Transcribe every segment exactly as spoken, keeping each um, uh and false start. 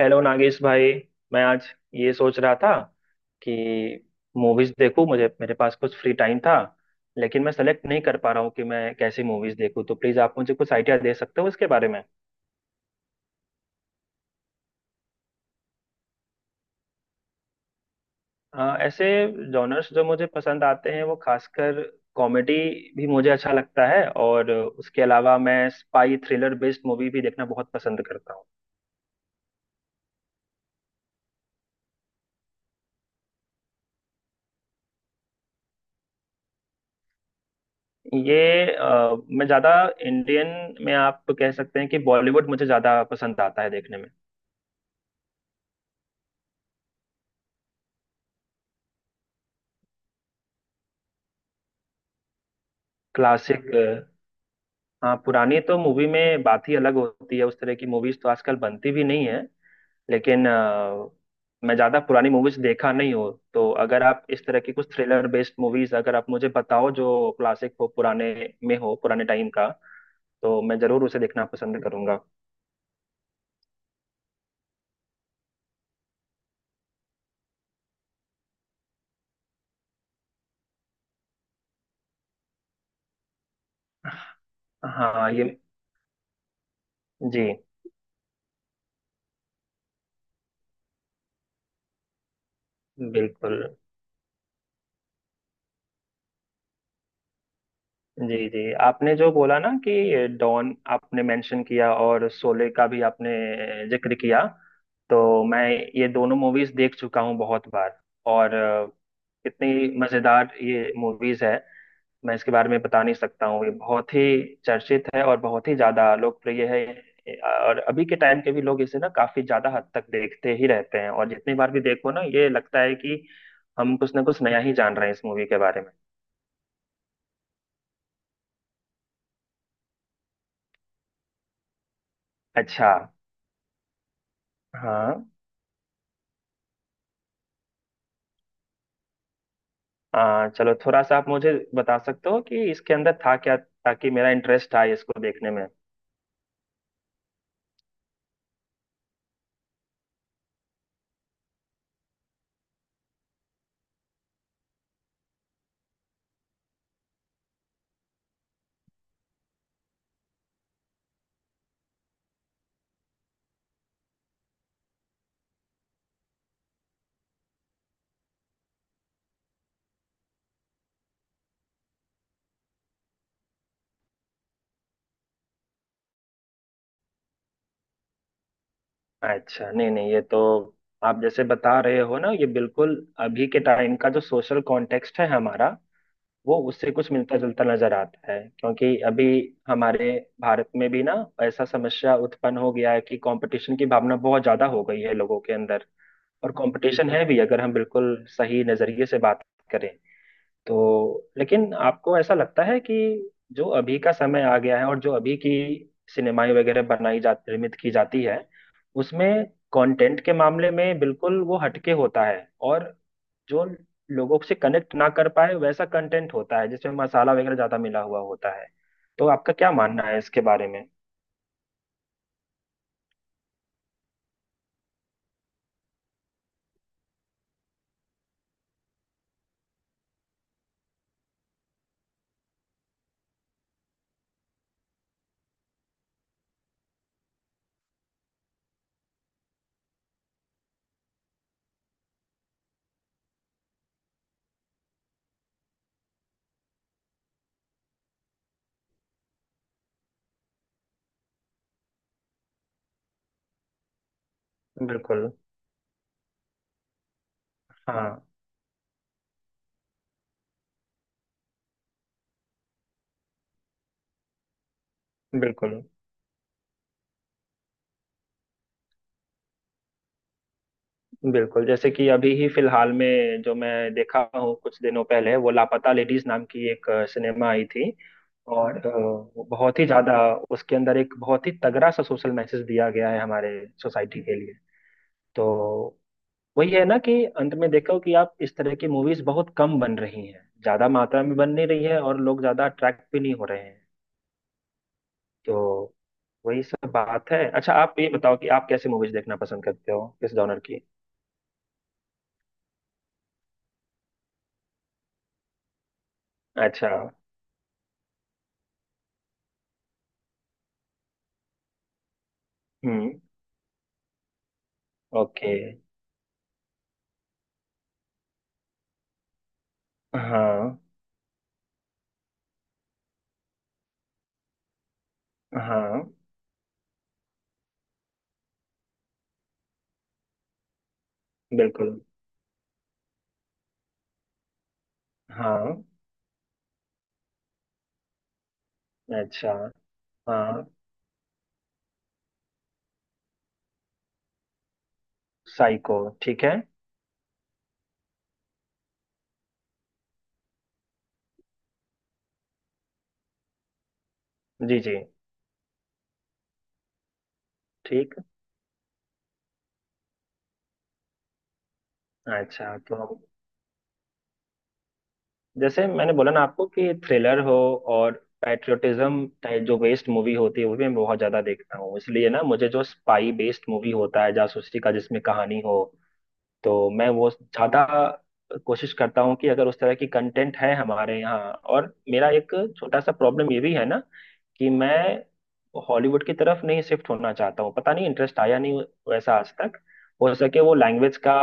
Hello Nagesh भाई। मैं आज ये सोच रहा था कि मूवीज देखूं, मुझे मेरे पास कुछ फ्री टाइम था, लेकिन मैं सेलेक्ट नहीं कर पा रहा हूँ कि मैं कैसी मूवीज देखूं। तो प्लीज आप मुझे कुछ आइडिया दे सकते हो इसके बारे में। अ, ऐसे जॉनर्स जो मुझे पसंद आते हैं वो खासकर कॉमेडी भी मुझे अच्छा लगता है, और उसके अलावा मैं स्पाई थ्रिलर बेस्ड मूवी भी देखना बहुत पसंद करता हूँ। ये अ, मैं ज्यादा इंडियन में, आप कह सकते हैं कि बॉलीवुड मुझे ज्यादा पसंद आता है देखने में। क्लासिक, हाँ, पुरानी तो मूवी में बात ही अलग होती है, उस तरह की मूवीज तो आजकल बनती भी नहीं है। लेकिन अ, मैं ज्यादा पुरानी मूवीज देखा नहीं हूँ, तो अगर आप इस तरह की कुछ थ्रिलर बेस्ड मूवीज अगर आप मुझे बताओ जो क्लासिक हो, पुराने में हो, पुराने टाइम का, तो मैं जरूर उसे देखना पसंद करूंगा। हाँ ये। जी। बिल्कुल। जी जी, आपने जो बोला ना कि डॉन आपने मेंशन किया और शोले का भी आपने जिक्र किया, तो मैं ये दोनों मूवीज देख चुका हूँ बहुत बार। और अ, कितनी मजेदार ये मूवीज है, मैं इसके बारे में बता नहीं सकता हूँ, ये बहुत ही चर्चित है और बहुत ही ज्यादा लोकप्रिय है। और अभी के टाइम के भी लोग इसे ना काफी ज्यादा हद तक देखते ही रहते हैं, और जितनी बार भी देखो ना ये लगता है कि हम कुछ ना कुछ नया ही जान रहे हैं इस मूवी के बारे में। अच्छा। हाँ। आ, चलो थोड़ा सा आप मुझे बता सकते हो कि इसके अंदर था क्या, ताकि मेरा इंटरेस्ट था इसको देखने में। अच्छा, नहीं नहीं, ये तो आप जैसे बता रहे हो ना, ये बिल्कुल अभी के टाइम का जो सोशल कॉन्टेक्स्ट है हमारा, वो उससे कुछ मिलता जुलता नजर आता है, क्योंकि अभी हमारे भारत में भी ना ऐसा समस्या उत्पन्न हो गया है कि कंपटीशन की भावना बहुत ज्यादा हो गई है लोगों के अंदर। और कंपटीशन है भी, अगर हम बिल्कुल सही नजरिए से बात करें तो। लेकिन आपको ऐसा लगता है कि जो अभी का समय आ गया है और जो अभी की सिनेमाएं वगैरह बनाई जा, निर्मित की जाती है, उसमें कंटेंट के मामले में बिल्कुल वो हटके होता है, और जो लोगों से कनेक्ट ना कर पाए वैसा कंटेंट होता है जिसमें मसाला वगैरह ज्यादा मिला हुआ होता है। तो आपका क्या मानना है इसके बारे में? बिल्कुल। हाँ। बिल्कुल। बिल्कुल जैसे कि अभी ही फिलहाल में जो मैं देखा हूँ कुछ दिनों पहले, वो लापता लेडीज नाम की एक सिनेमा आई थी। और अ, वो बहुत ही ज्यादा, उसके अंदर एक बहुत ही तगड़ा सा सोशल मैसेज दिया गया है हमारे सोसाइटी के लिए। तो वही है ना कि अंत में देखो कि आप इस तरह की मूवीज बहुत कम बन रही हैं, ज्यादा मात्रा में बन नहीं रही है, और लोग ज्यादा अट्रैक्ट भी नहीं हो रहे हैं। तो वही सब बात है। अच्छा, आप ये बताओ कि आप कैसी मूवीज देखना पसंद करते हो, किस जॉनर की? अच्छा। हम्म। ओके। हाँ हाँ। बिल्कुल। हाँ। अच्छा। हाँ। साइको, ठीक है। जी जी। ठीक। अच्छा, तो जैसे मैंने बोला ना आपको कि थ्रिलर हो, और पैट्रियोटिज्म टाइप जो बेस्ड मूवी होती है वो भी मैं बहुत ज्यादा देखता हूँ, इसलिए ना मुझे जो स्पाई बेस्ड मूवी होता है जासूसी का जिसमें कहानी हो, तो मैं वो ज़्यादा कोशिश करता हूँ कि अगर उस तरह की कंटेंट है हमारे यहाँ। और मेरा एक छोटा सा प्रॉब्लम ये भी है ना कि मैं हॉलीवुड की तरफ नहीं शिफ्ट होना चाहता हूँ, पता नहीं इंटरेस्ट आया नहीं वैसा आज तक। हो सके वो लैंग्वेज का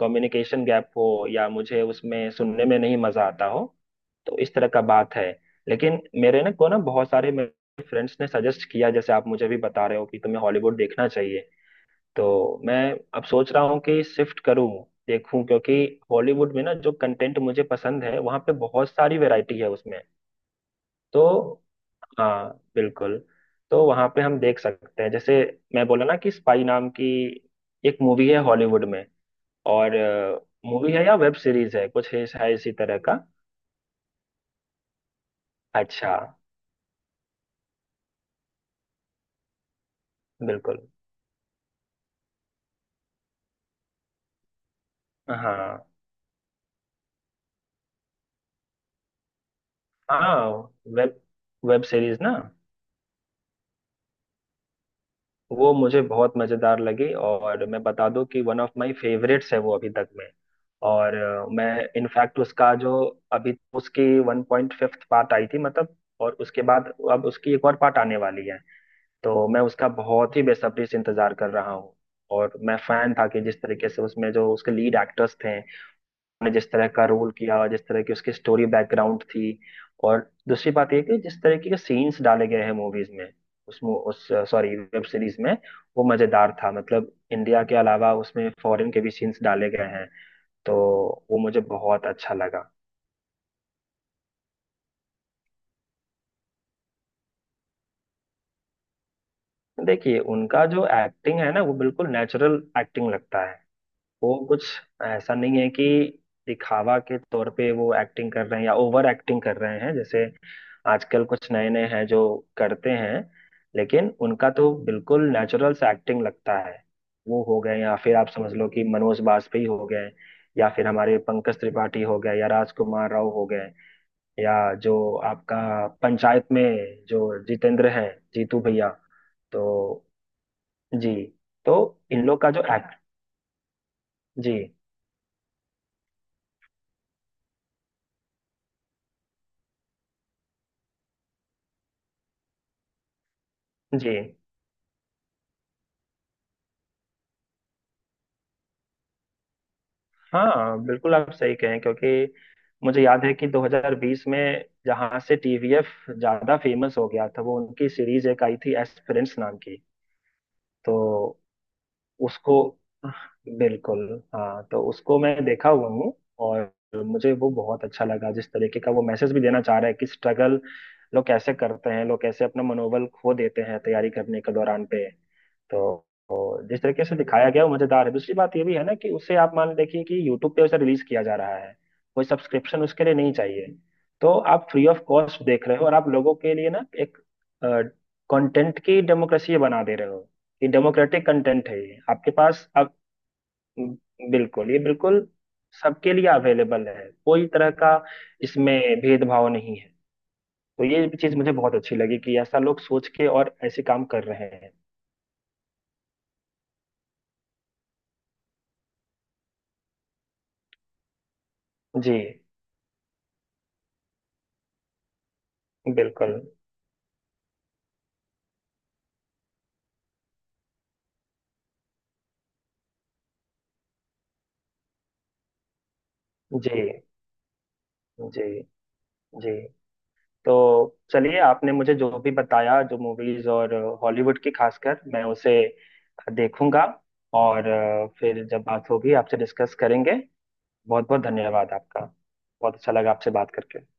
कम्युनिकेशन गैप हो, या मुझे उसमें सुनने में नहीं मजा आता हो, तो इस तरह का बात है। लेकिन मेरे ना को ना बहुत सारे मेरे फ्रेंड्स ने सजेस्ट किया, जैसे आप मुझे भी बता रहे हो कि तुम्हें हॉलीवुड देखना चाहिए, तो मैं अब सोच रहा हूँ कि शिफ्ट करूँ, देखूं, क्योंकि हॉलीवुड में ना जो कंटेंट मुझे पसंद है वहाँ पे बहुत सारी वैरायटी है उसमें। तो हाँ, बिल्कुल। तो वहाँ पे हम देख सकते हैं, जैसे मैं बोला ना कि स्पाई नाम की एक मूवी है हॉलीवुड में। और मूवी है या वेब सीरीज है, कुछ है है इसी तरह का। अच्छा। बिल्कुल। हाँ हाँ। वेब वेब सीरीज ना। वो मुझे बहुत मजेदार लगी, और मैं बता दूं कि वन ऑफ माय फेवरेट्स है वो अभी तक में। और अ, मैं इनफैक्ट उसका जो, अभी उसकी वन पॉइंट फिफ्थ पार्ट आई थी मतलब, और उसके बाद अब उसकी एक और पार्ट आने वाली है, तो मैं उसका बहुत ही बेसब्री से इंतजार कर रहा हूँ। और मैं फैन था कि जिस तरीके से उसमें जो उसके लीड एक्टर्स थे ने जिस तरह का रोल किया, और जिस तरह की उसकी स्टोरी बैकग्राउंड थी, और दूसरी बात ये कि जिस तरीके के सीन्स डाले गए हैं मूवीज में, उस मू- उस, सॉरी, वेब सीरीज में, वो मजेदार था, मतलब इंडिया के अलावा उसमें फॉरेन के भी सीन्स डाले गए हैं, तो वो मुझे बहुत अच्छा लगा। देखिए उनका जो एक्टिंग है ना वो बिल्कुल नेचुरल एक्टिंग लगता है। वो कुछ ऐसा नहीं है कि दिखावा के तौर पे वो एक्टिंग कर रहे हैं या ओवर एक्टिंग कर रहे हैं जैसे आजकल कुछ नए नए हैं जो करते हैं, लेकिन उनका तो बिल्कुल नेचुरल से एक्टिंग लगता है। वो हो गए, या फिर आप समझ लो कि मनोज बाजपेयी हो गए, या फिर हमारे पंकज त्रिपाठी हो गए, या राजकुमार राव हो गए, या जो आपका पंचायत में जो जितेंद्र है, जीतू भैया। तो जी, तो इन लोग का जो एक्ट। जी जी, हाँ बिल्कुल आप सही कहें, क्योंकि मुझे याद है कि दो हज़ार बीस में जहाँ से टीवीएफ ज्यादा फेमस हो गया था, वो उनकी सीरीज एक आई थी, एस्पिरेंट्स नाम की। तो उसको, बिल्कुल, हाँ, तो उसको मैं देखा हुआ हूँ। और मुझे वो बहुत अच्छा लगा, जिस तरीके का वो मैसेज भी देना चाह रहा है कि स्ट्रगल लोग कैसे करते हैं, लोग कैसे अपना मनोबल खो देते हैं तैयारी करने के दौरान पे। तो तो जिस तरीके से दिखाया गया वो मजेदार है। दूसरी बात ये भी है ना कि उसे आप मान देखिए कि यूट्यूब पे उसे रिलीज किया जा रहा है, कोई सब्सक्रिप्शन उसके लिए नहीं चाहिए, तो आप फ्री ऑफ कॉस्ट देख रहे हो, और आप लोगों के लिए ना एक कंटेंट की डेमोक्रेसी बना दे रहे हो। ये डेमोक्रेटिक कंटेंट है, ये आपके पास अब, बिल्कुल, ये बिल्कुल सबके लिए अवेलेबल है, कोई तरह का इसमें भेदभाव नहीं है। तो ये चीज मुझे बहुत अच्छी लगी कि ऐसा लोग सोच के और ऐसे काम कर रहे हैं। जी बिल्कुल। जी जी जी। तो चलिए, आपने मुझे जो भी बताया जो मूवीज और हॉलीवुड की खासकर, मैं उसे देखूंगा, और अ, फिर जब बात होगी आपसे डिस्कस करेंगे। बहुत बहुत धन्यवाद आपका। बहुत अच्छा लगा आपसे बात करके।